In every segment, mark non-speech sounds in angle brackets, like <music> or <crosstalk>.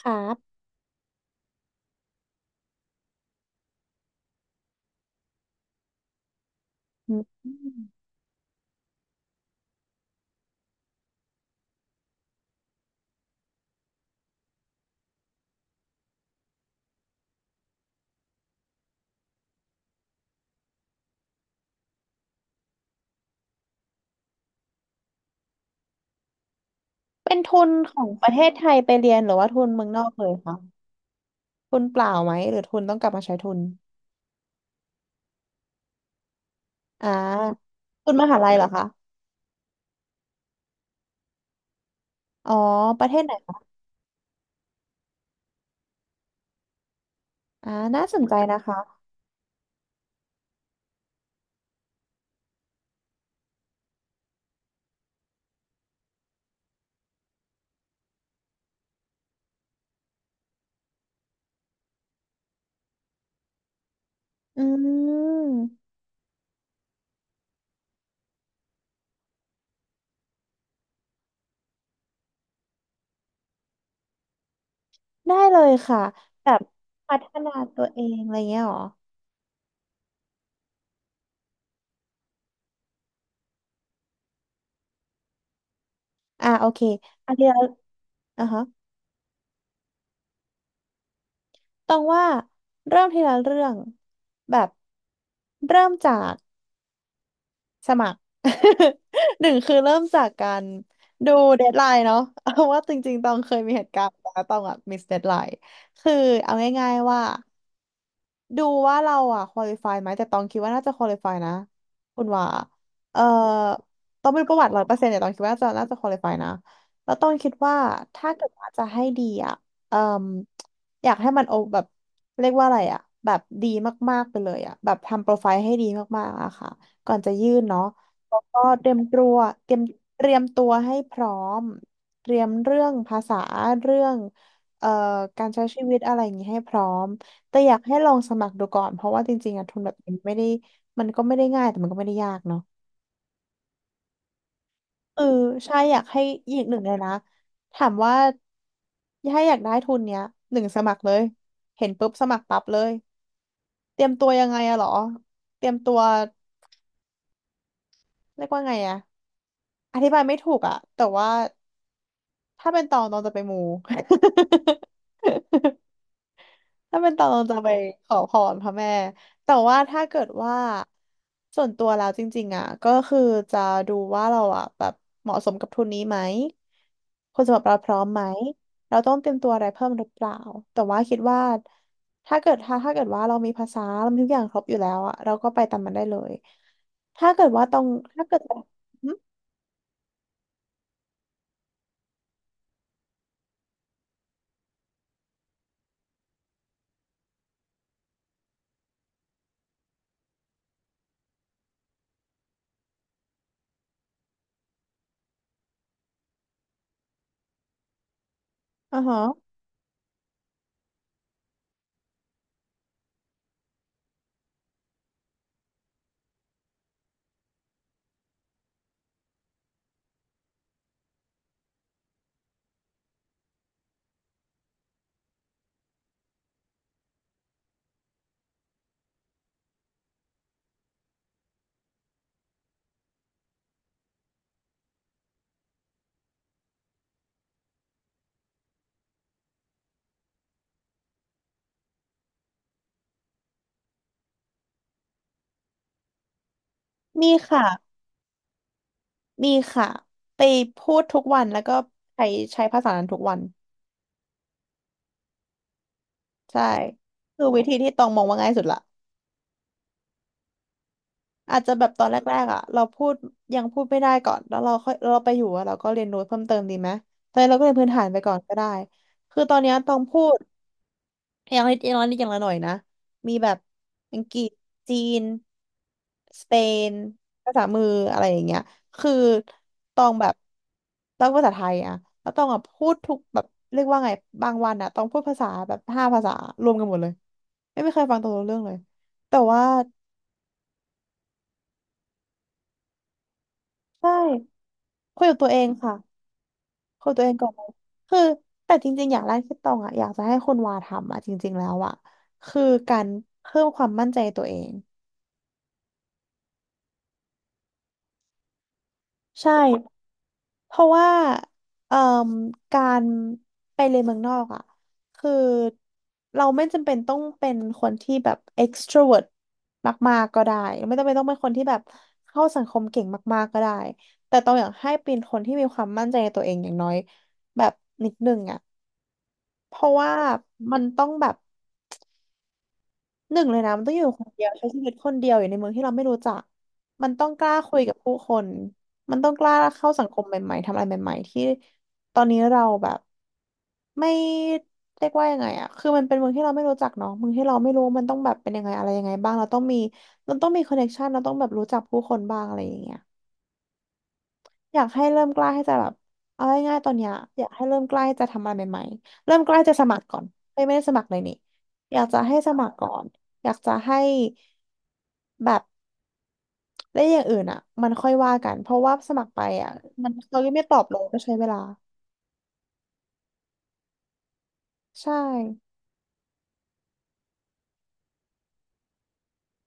ครับอืมเป็นทุนของประเทศไทยไปเรียนหรือว่าทุนเมืองนอกเลยคะทุนเปล่าไหมหรือทุนต้องกลับมาใช้ทุนอ่าทุนมหาลัยเหรอคะอ๋อประเทศไหนคะอ่าน่าสนใจนะคะอืมได้เลยค่ะแบบพัฒนาตัวเองอะไรเงี้ยเหรออ่าโอเคอันเดียวอ่ะฮะต้องว่าเริ่มทีละเรื่องแบบเริ่มจาก สมัคร <laughs> หนึ่งคือเริ่มจากการดูเดดไลน์เนาะ <laughs> เอาว่าจริงๆตองเคยมีเหตุการณ์แล้วตองอะมิสเดดไลน์คือเอาง่ายๆว่า ดูว่าเราอ่ะควอลิฟายไหมแต่ตองคิดว่าน่าจะควอลิฟายนะคุณว่าเอ่อตองไม่รู้ประวัติ100%แต่ตองคิดว่าน่าจะควอลิฟายนะแล้วตองคิดว่าถ้าเกิดว่าจะให้ดีอ่ะเอ่มอยากให้มันโอแบบเรียกว่าอะไรอ่ะแบบดีมากๆไปเลยอ่ะแบบทำโปรไฟล์ให้ดีมากๆอะค่ะก่อนจะยื่นเนาะแล้วก็เตรียมตัวเตรียมเตรียมตัวให้พร้อมเตรียมเรื่องภาษาเรื่องเอ่อการใช้ชีวิตอะไรอย่างนี้ให้พร้อม แต่อยากให้ลองสมัครดูก่อนเพราะว่าจริงๆอะทุนแบบนี้ไม่ได้มันก็ไม่ได้ง่ายแต่มันก็ไม่ได้ยากเนาะเออใช่อยากให้อีกหนึ่งเลยนะถามว่าถ้าอยากได้ทุนเนี้ยหนึ่งสมัครเลยเห็นปุ๊บสมัครปั๊บเลยเตรียมตัวยังไงอะเหรอเตรียมตัวเรียกว่าไงอะอธิบายไม่ถูกอะแต่ว่าถ้าเป็นตองจะไปมู <laughs> ถ้าเป็นตอนเราจะไปขอพรพระแม่แต่ว่าถ้าเกิดว่าส่วนตัวแล้วจริงๆอ่ะก็คือจะดูว่าเราอ่ะแบบเหมาะสมกับทุนนี้ไหมคนสำหรับเราพร้อมไหมเราต้องเตรียมตัวอะไรเพิ่มหรือเปล่าแต่ว่าคิดว่าถ้าเกิดว่าเรามีภาษาเรามีทุกอย่างครบอยู่แล้วอ่ะเราก็ไปตามมันได้เลยถ้าเกิดว่าตรงถ้าเกิดว่าอือ่าฮะมีค่ะมีค่ะไปพูดทุกวันแล้วก็ใช้ใช้ภาษานั้นทุกวัน ใช่คือวิธีที่ตองมองว่าง่ายสุดละอาจจะแบบตอนแรกๆอ่ะเราพูดยังพูดไม่ได้ก่อนแล้วเราค่อยเราไปอยู่อะเราก็เรียนรู้เพิ่มเติมดีไหมตอนนี้เราก็เรียนพื้นฐานไปก่อนก็ได้คือตอนเนี้ยตองพูด อย่างน้อยอย่างน้อยอย่างละหน่อยนะมีแบบอังกฤษจีนสเปนภาษามืออะไรอย่างเงี้ยคือตองแบบต้องภาษาไทยอะแล้วตองอะพูดทุกแบบเรียกว่าไงบางวันอะต้องพูดภาษาแบบห้าภาษารวมกันหมดเลยไม่เคยฟังตองรู้เรื่องเลยแต่ว่าใช่คุยกับตัวเองค่ะคุยกับตัวเองก่อนเลยคือแต่จริงๆอย่างแรกที่ตองอะอยากจะให้คนวาทำอะจริงๆแล้วอะคือการเพิ่มความมั่นใจตัวเองใช่ เพราะว่าเอ่มการไปเรียนเมืองนอกอ่ะคือเราไม่จำเป็นต้องเป็นคนที่แบบ extrovert มากๆก็ได้ไม่จำเป็นต้องเป็นคนที่แบบเข้าสังคมเก่งมากๆก็ได้แต่ต้องอยากให้เป็นคนที่มีความมั่นใจในตัวเองอย่างน้อยแบบนิดนึงอ่ะเพราะว่ามันต้องแบบ หนึ่งเลยนะมันต้องอยู่คนเดียวใช้ชีวิตคนเดียวอยู่ในเมืองที่เราไม่รู้จักมันต้องกล้าคุยกับผู้คนมันต้องกล้าเข้าสังคมใหม่ๆทำอะไรใหม่ๆที่ตอนนี้เราแบบไม่เรียกว่ายังไงอะคือมันเป็นเมืองที่เราไม่รู้จักเนาะเมืองที่เราไม่รู้ว่ามันต้องแบบเป็นยังไงอะไรยังไงบ้างเราต้องมีเราต้องมีคอนเนคชันเราต้องแบบรู้จักผู้คนบ้างอะไรอย่างเงี้ยอยากให้เริ่มกล้าให้จะแบบเอาง่ายๆตอนเนี้ยอยากให้เริ่มกล้าให้จะทำอะไรใหม่ๆเริ่มกล้าจะสมัครก่อนเฮ้ยไม่ได้สมัครเลยนี่อยากจะให้สมัครก่อนอยากจะให้ แบบได้อย่างอื่นอ่ะมันค่อยว่ากันเพราะว่าสมัครไปอ่ะมันเขายังไม่ตอบเลยก็ใช้เวลาใช่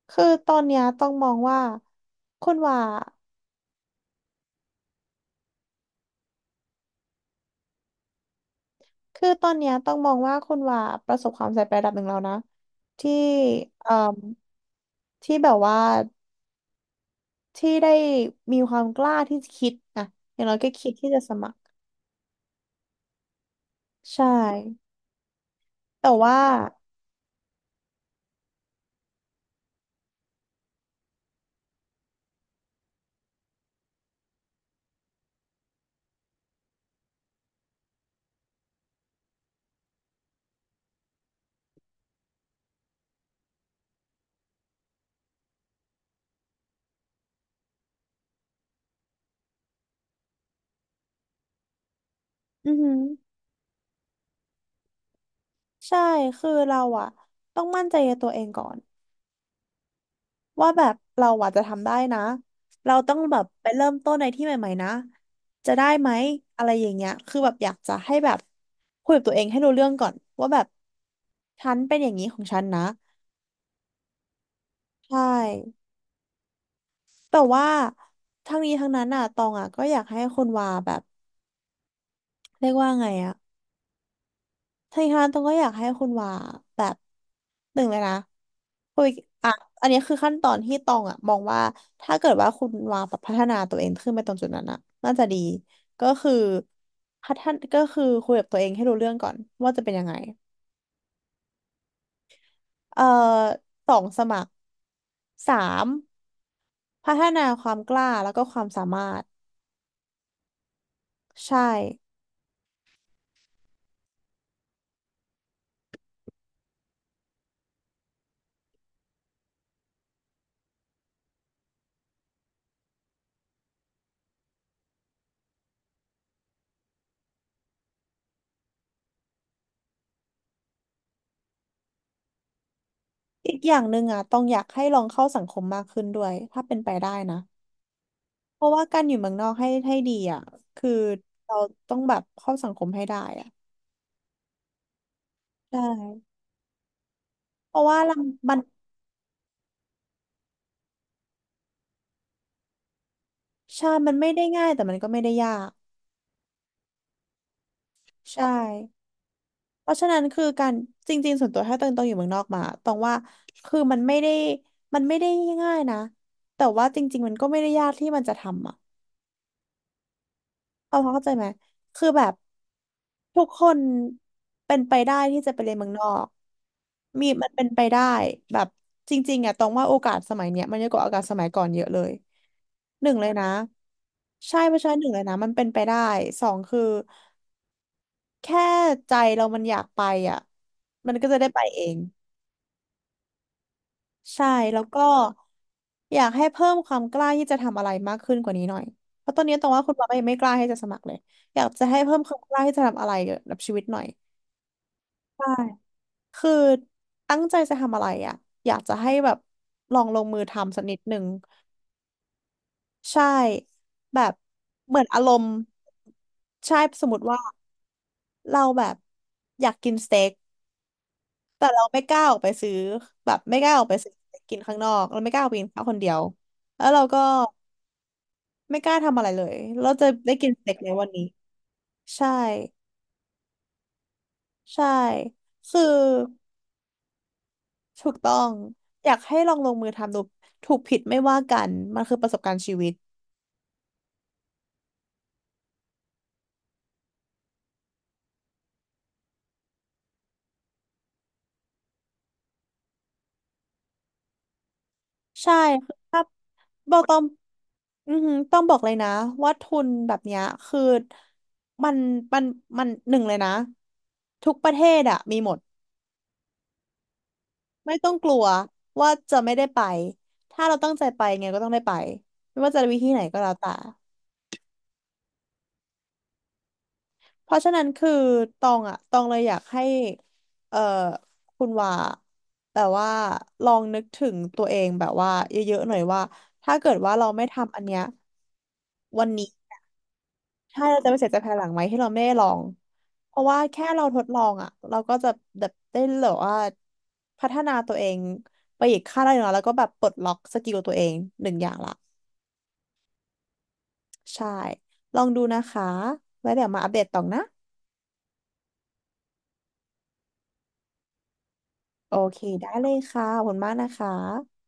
คือตอนเนี้ยต้องมองว่าคุณว่าคือตอนเนี้ยต้องมองว่าคุณว่าประสบความสำเร็จไประดับหนึ่งแล้วนะที่เอ่มที่แบบว่าที่ได้มีความกล้าที่จะคิดอ่ะอย่างน้อยก็คิดที่จะสมัครใช่แต่ว่าอือหือใช่คือเราอะต้องมั่นใจในตัวเองก่อน ว่าแบบเราอาจจะทำได้นะเราต้องแบบไปเริ่มต้นในที่ใหม่ๆนะจะได้ไหมอะไรอย่างเงี้ยคือแบบอยากจะให้แบบคุยกับตัวเองให้รู้เรื่องก่อนว่าแบบฉันเป็นอย่างนี้ของฉันนะใช่แต่ว่าทั้งนี้ทั้งนั้นอ่ะตองอ่ะก็อยากให้คุณวาแบบเรียกว่าไงอ่ะ ทางนี้ต้องก็อยากให้คุณว่าแบบหนึ่งเลยนะคุยอ่ะอันนี้คือขั้นตอนที่ตองอ่ะมองว่าถ้าเกิดว่าคุณว่าแบบพัฒนาตัวเองขึ้นไปตรงจุดนั้นอ่ะน่าจะดีก็คือพัฒนก็คือคุยกับตัวเองให้รู้เรื่องก่อนว่าจะเป็นยังไงเอ่อสองสมัครสามพัฒนาความกล้าแล้วก็ความสามารถใช่อีกอย่างหนึ่งอ่ะต้องอยากให้ลองเข้าสังคมมากขึ้นด้วยถ้าเป็นไปได้นะ เพราะว่าการอยู่เมืองนอกให้ดีอ่ะ คือเราต้องแบบเข้าสังคมให้ได้อ่ะใช่เพราะว่าเรามันใช่มันไม่ได้ง่ายแต่มันก็ไม่ได้ยากใช่เพราะฉะนั้นคือการจริงๆส่วนตัวถ้าตองอยู่เมืองนอกมาตองว่า คือมันไม่ได้ง่ายนะแต่ว่าจริงๆมันก็ไม่ได้ยากที่มันจะทำอ่ะ เอาเข้าใจไหมคือแบบทุกคนเป็นไปได้ที่จะไปเรียนเมืองนอกมีมันเป็นไปได้แบบจริงๆอ่ะตรงว่าโอกาสสมัยเนี้ยมันเยอะกว่าโอกาสสมัยก่อนเยอะเลยหนึ่งเลยนะใช่เพราะฉะนั้นหนึ่งเลยนะมันเป็นไปได้สองคือแค่ใจเรามันอยากไปอ่ะมันก็จะได้ไปเอง ใช่แล้วก็อยากให้เพิ่มความกล้าที่จะทำอะไรมากขึ้นกว่านี้หน่อยเพราะตอนนี้ตรงว่าคุณบอก็ยังไม่กล้าที่จะสมัครเลยอยากจะให้เพิ่มความกล้าที่จะทำอะไรเกี่ยวกับชีวิตหน่อยใช่คือตั้งใจจะทำอะไรอ่ะอยากจะให้แบบลองลงมือทำสักนิดหนึ่งใช่แบบเหมือนอารมณ์ใช่สมมติว่าเราแบบอยากกินสเต็กแต่เราไม่กล้าออกไปซื้อแบบไม่กล้าออกไปซื้อกินข้างนอกเราไม่กล้าออกไปกินข้าวคนเดียวแล้วเราก็ ไม่กล้าทำอะไรเลยเราจะได้กินสเต็กในวันนี้ใช่ใช่คือถูกต้องอยากให้ลองลงมือทำดูถูกผิดไม่ว่ากันมันคือประสบการณ์ชีวิตใช่คือถ้าบอกต้องอือหือต้องบอกเลยนะว่าทุนแบบเนี้ยคือมันมันมันหนึ่งเลยนะทุกประเทศอะมีหมดไม่ต้องกลัวว่าจะไม่ได้ไปถ้าเราตั้งใจไปไงก็ต้องได้ไปไม่ว่าจะวิธีไหนก็แล้วแต่ เพราะฉะนั้นคือตองอะตองเลยอยากให้เอ่อคุณว่าแบบว่าลองนึกถึงตัวเองแบบว่าเยอะๆหน่อยว่าถ้าเกิดว่าเราไม่ทำอันเนี้ยวันนี้ใช่เราจะไม่เสียใจภายหลังไหมที่เราไม่ได้ลองเพราะว่าแค่เราทดลองอะเราก็จะแบบได้แบบว่าพัฒนาตัวเองไปอีกขั้นระดับหนึ่งแล้วแล้วก็แบบปลดล็อกสกิลตัวเองหนึ่งอย่างละใช่ลองดูนะคะไว้เดี๋ยวมาอัปเดตต่อนะโอเคได้เลยค่ะขอบคุณมากนะคะ